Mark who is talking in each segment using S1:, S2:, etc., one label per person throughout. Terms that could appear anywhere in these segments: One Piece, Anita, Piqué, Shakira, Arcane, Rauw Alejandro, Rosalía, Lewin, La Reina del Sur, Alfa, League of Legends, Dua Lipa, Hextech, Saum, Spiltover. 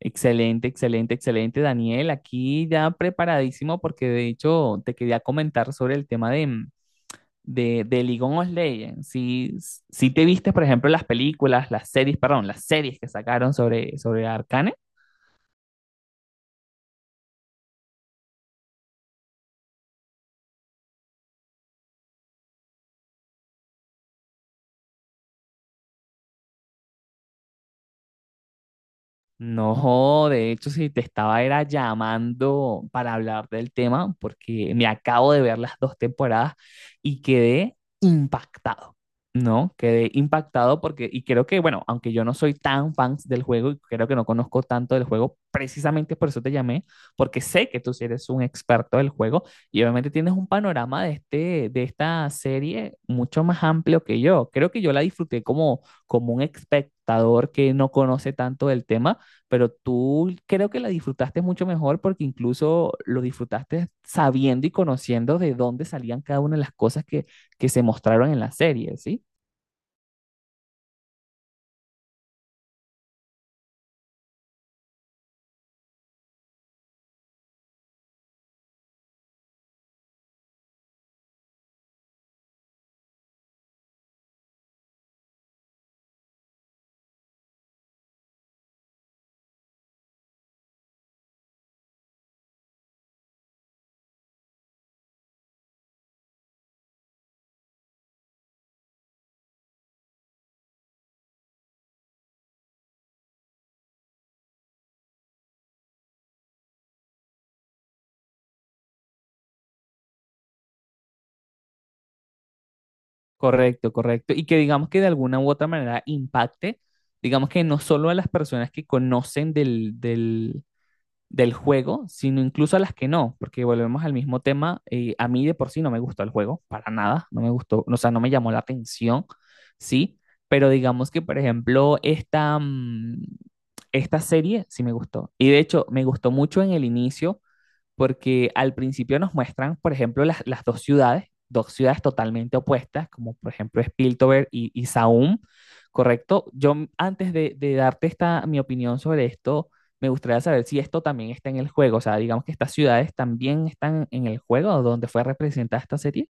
S1: Excelente, excelente, excelente, Daniel. Aquí ya preparadísimo porque de hecho te quería comentar sobre el tema de League of Legends. Si, si te viste, por ejemplo, las películas, las series que sacaron sobre, sobre Arcane. No, de hecho, si te estaba era llamando para hablar del tema, porque me acabo de ver las dos temporadas y quedé impactado, ¿no? Quedé impactado porque, y creo que, bueno, aunque yo no soy tan fan del juego y creo que no conozco tanto del juego, precisamente por eso te llamé, porque sé que tú sí eres un experto del juego y obviamente tienes un panorama de este, de esta serie mucho más amplio que yo. Creo que yo la disfruté como, como un espectador que no conoce tanto del tema, pero tú creo que la disfrutaste mucho mejor porque incluso lo disfrutaste sabiendo y conociendo de dónde salían cada una de las cosas que se mostraron en la serie, ¿sí? Correcto, correcto. Y que digamos que de alguna u otra manera impacte, digamos que no solo a las personas que conocen del juego, sino incluso a las que no, porque volvemos al mismo tema, a mí de por sí no me gustó el juego, para nada, no me gustó, o sea, no me llamó la atención, ¿sí? Pero digamos que, por ejemplo, esta serie sí me gustó. Y de hecho, me gustó mucho en el inicio porque al principio nos muestran, por ejemplo, las dos ciudades totalmente opuestas, como por ejemplo Spiltover y Saum, ¿correcto? Yo antes de darte esta, mi opinión sobre esto, me gustaría saber si esto también está en el juego, o sea, digamos que estas ciudades también están en el juego donde fue representada esta serie,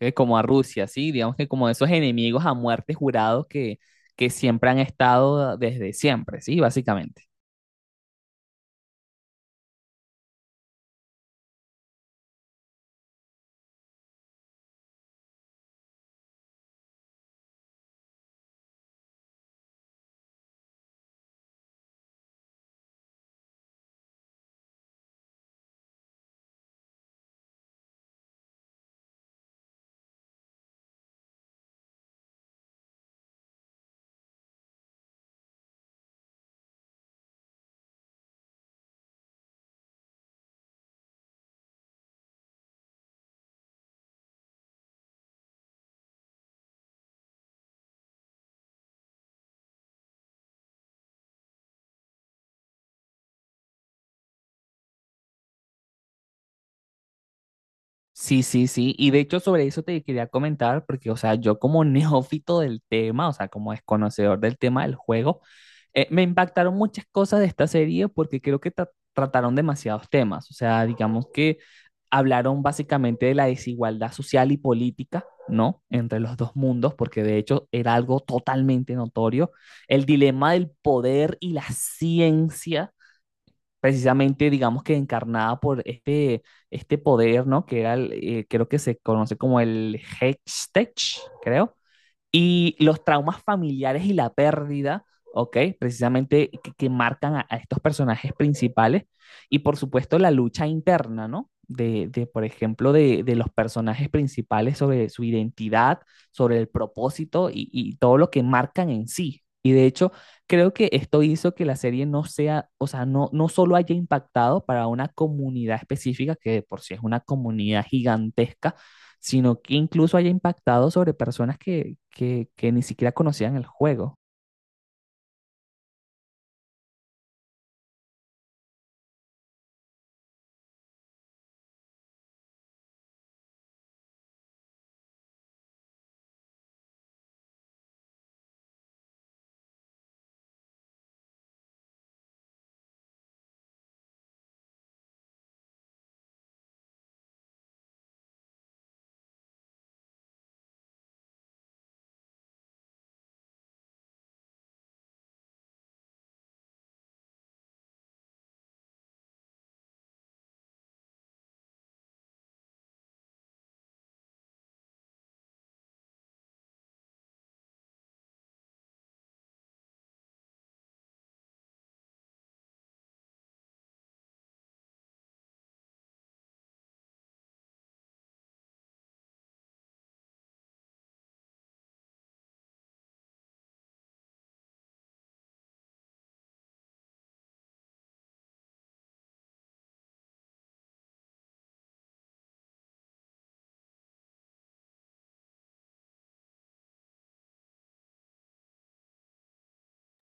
S1: como a Rusia, ¿sí? Digamos que como esos enemigos a muerte jurados que siempre han estado desde siempre, ¿sí? Básicamente. Sí, sí, sí. Y de hecho sobre eso te quería comentar, porque, o sea, yo como neófito del tema, o sea, como desconocedor del tema del juego, me impactaron muchas cosas de esta serie porque creo que trataron demasiados temas. O sea, digamos que hablaron básicamente de la desigualdad social y política, ¿no? Entre los dos mundos, porque de hecho era algo totalmente notorio. El dilema del poder y la ciencia precisamente, digamos que encarnada por este, este poder, ¿no? Que era, creo que se conoce como el Hextech, creo, y los traumas familiares y la pérdida, ¿ok? Precisamente que marcan a, estos personajes principales. Y por supuesto la lucha interna, ¿no? De por ejemplo, los personajes principales sobre su identidad, sobre el propósito y todo lo que marcan en sí, y de hecho, creo que esto hizo que la serie no sea, o sea, no solo haya impactado para una comunidad específica, que de por sí es una comunidad gigantesca, sino que incluso haya impactado sobre personas que ni siquiera conocían el juego.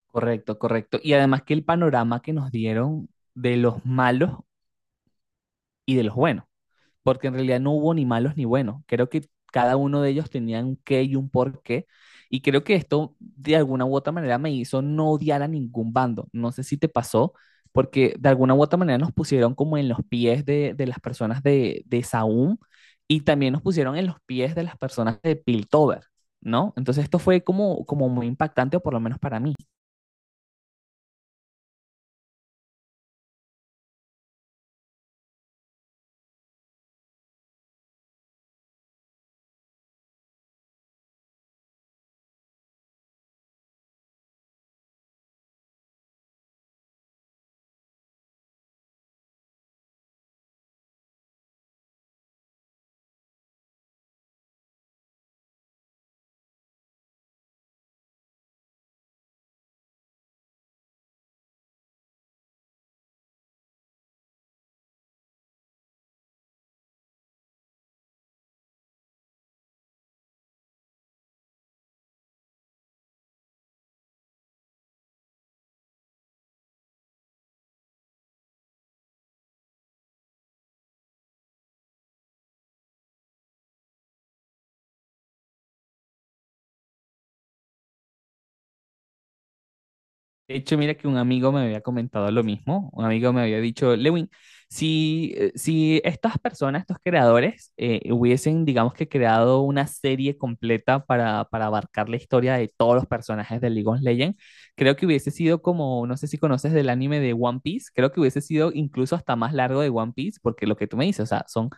S1: Correcto, correcto. Y además que el panorama que nos dieron de los malos y de los buenos, porque en realidad no hubo ni malos ni buenos. Creo que cada uno de ellos tenía un qué y un por qué. Y creo que esto de alguna u otra manera me hizo no odiar a ningún bando. No sé si te pasó, porque de alguna u otra manera nos pusieron como en los pies de las personas de Saúm y también nos pusieron en los pies de las personas de Piltover, ¿no? Entonces esto fue como, como muy impactante, o por lo menos para mí. De hecho, mira que un amigo me había comentado lo mismo. Un amigo me había dicho, Lewin, si estas personas, estos creadores, hubiesen, digamos que, creado una serie completa para abarcar la historia de todos los personajes de League of Legends, creo que hubiese sido como, no sé si conoces del anime de One Piece, creo que hubiese sido incluso hasta más largo de One Piece, porque lo que tú me dices, o sea, son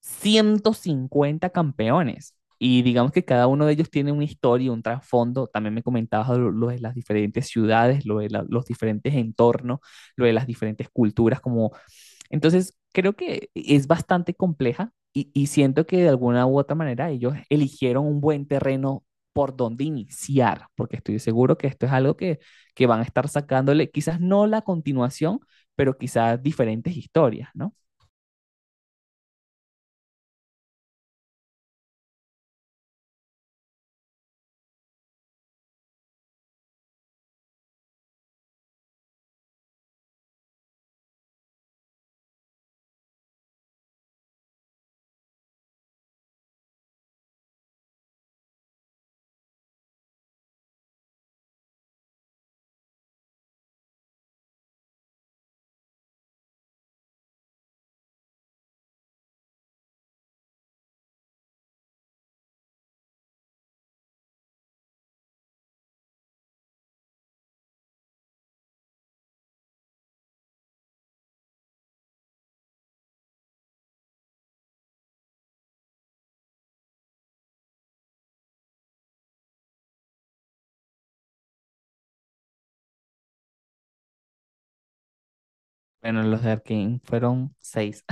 S1: 150 campeones. Y digamos que cada uno de ellos tiene una historia, un trasfondo. También me comentabas lo de las diferentes ciudades, lo de los diferentes entornos, lo de las diferentes culturas. Como... Entonces, creo que es bastante compleja y siento que de alguna u otra manera ellos eligieron un buen terreno por donde iniciar, porque estoy seguro que esto es algo que van a estar sacándole, quizás no la continuación, pero quizás diferentes historias, ¿no? Bueno, los de Arkane fueron seis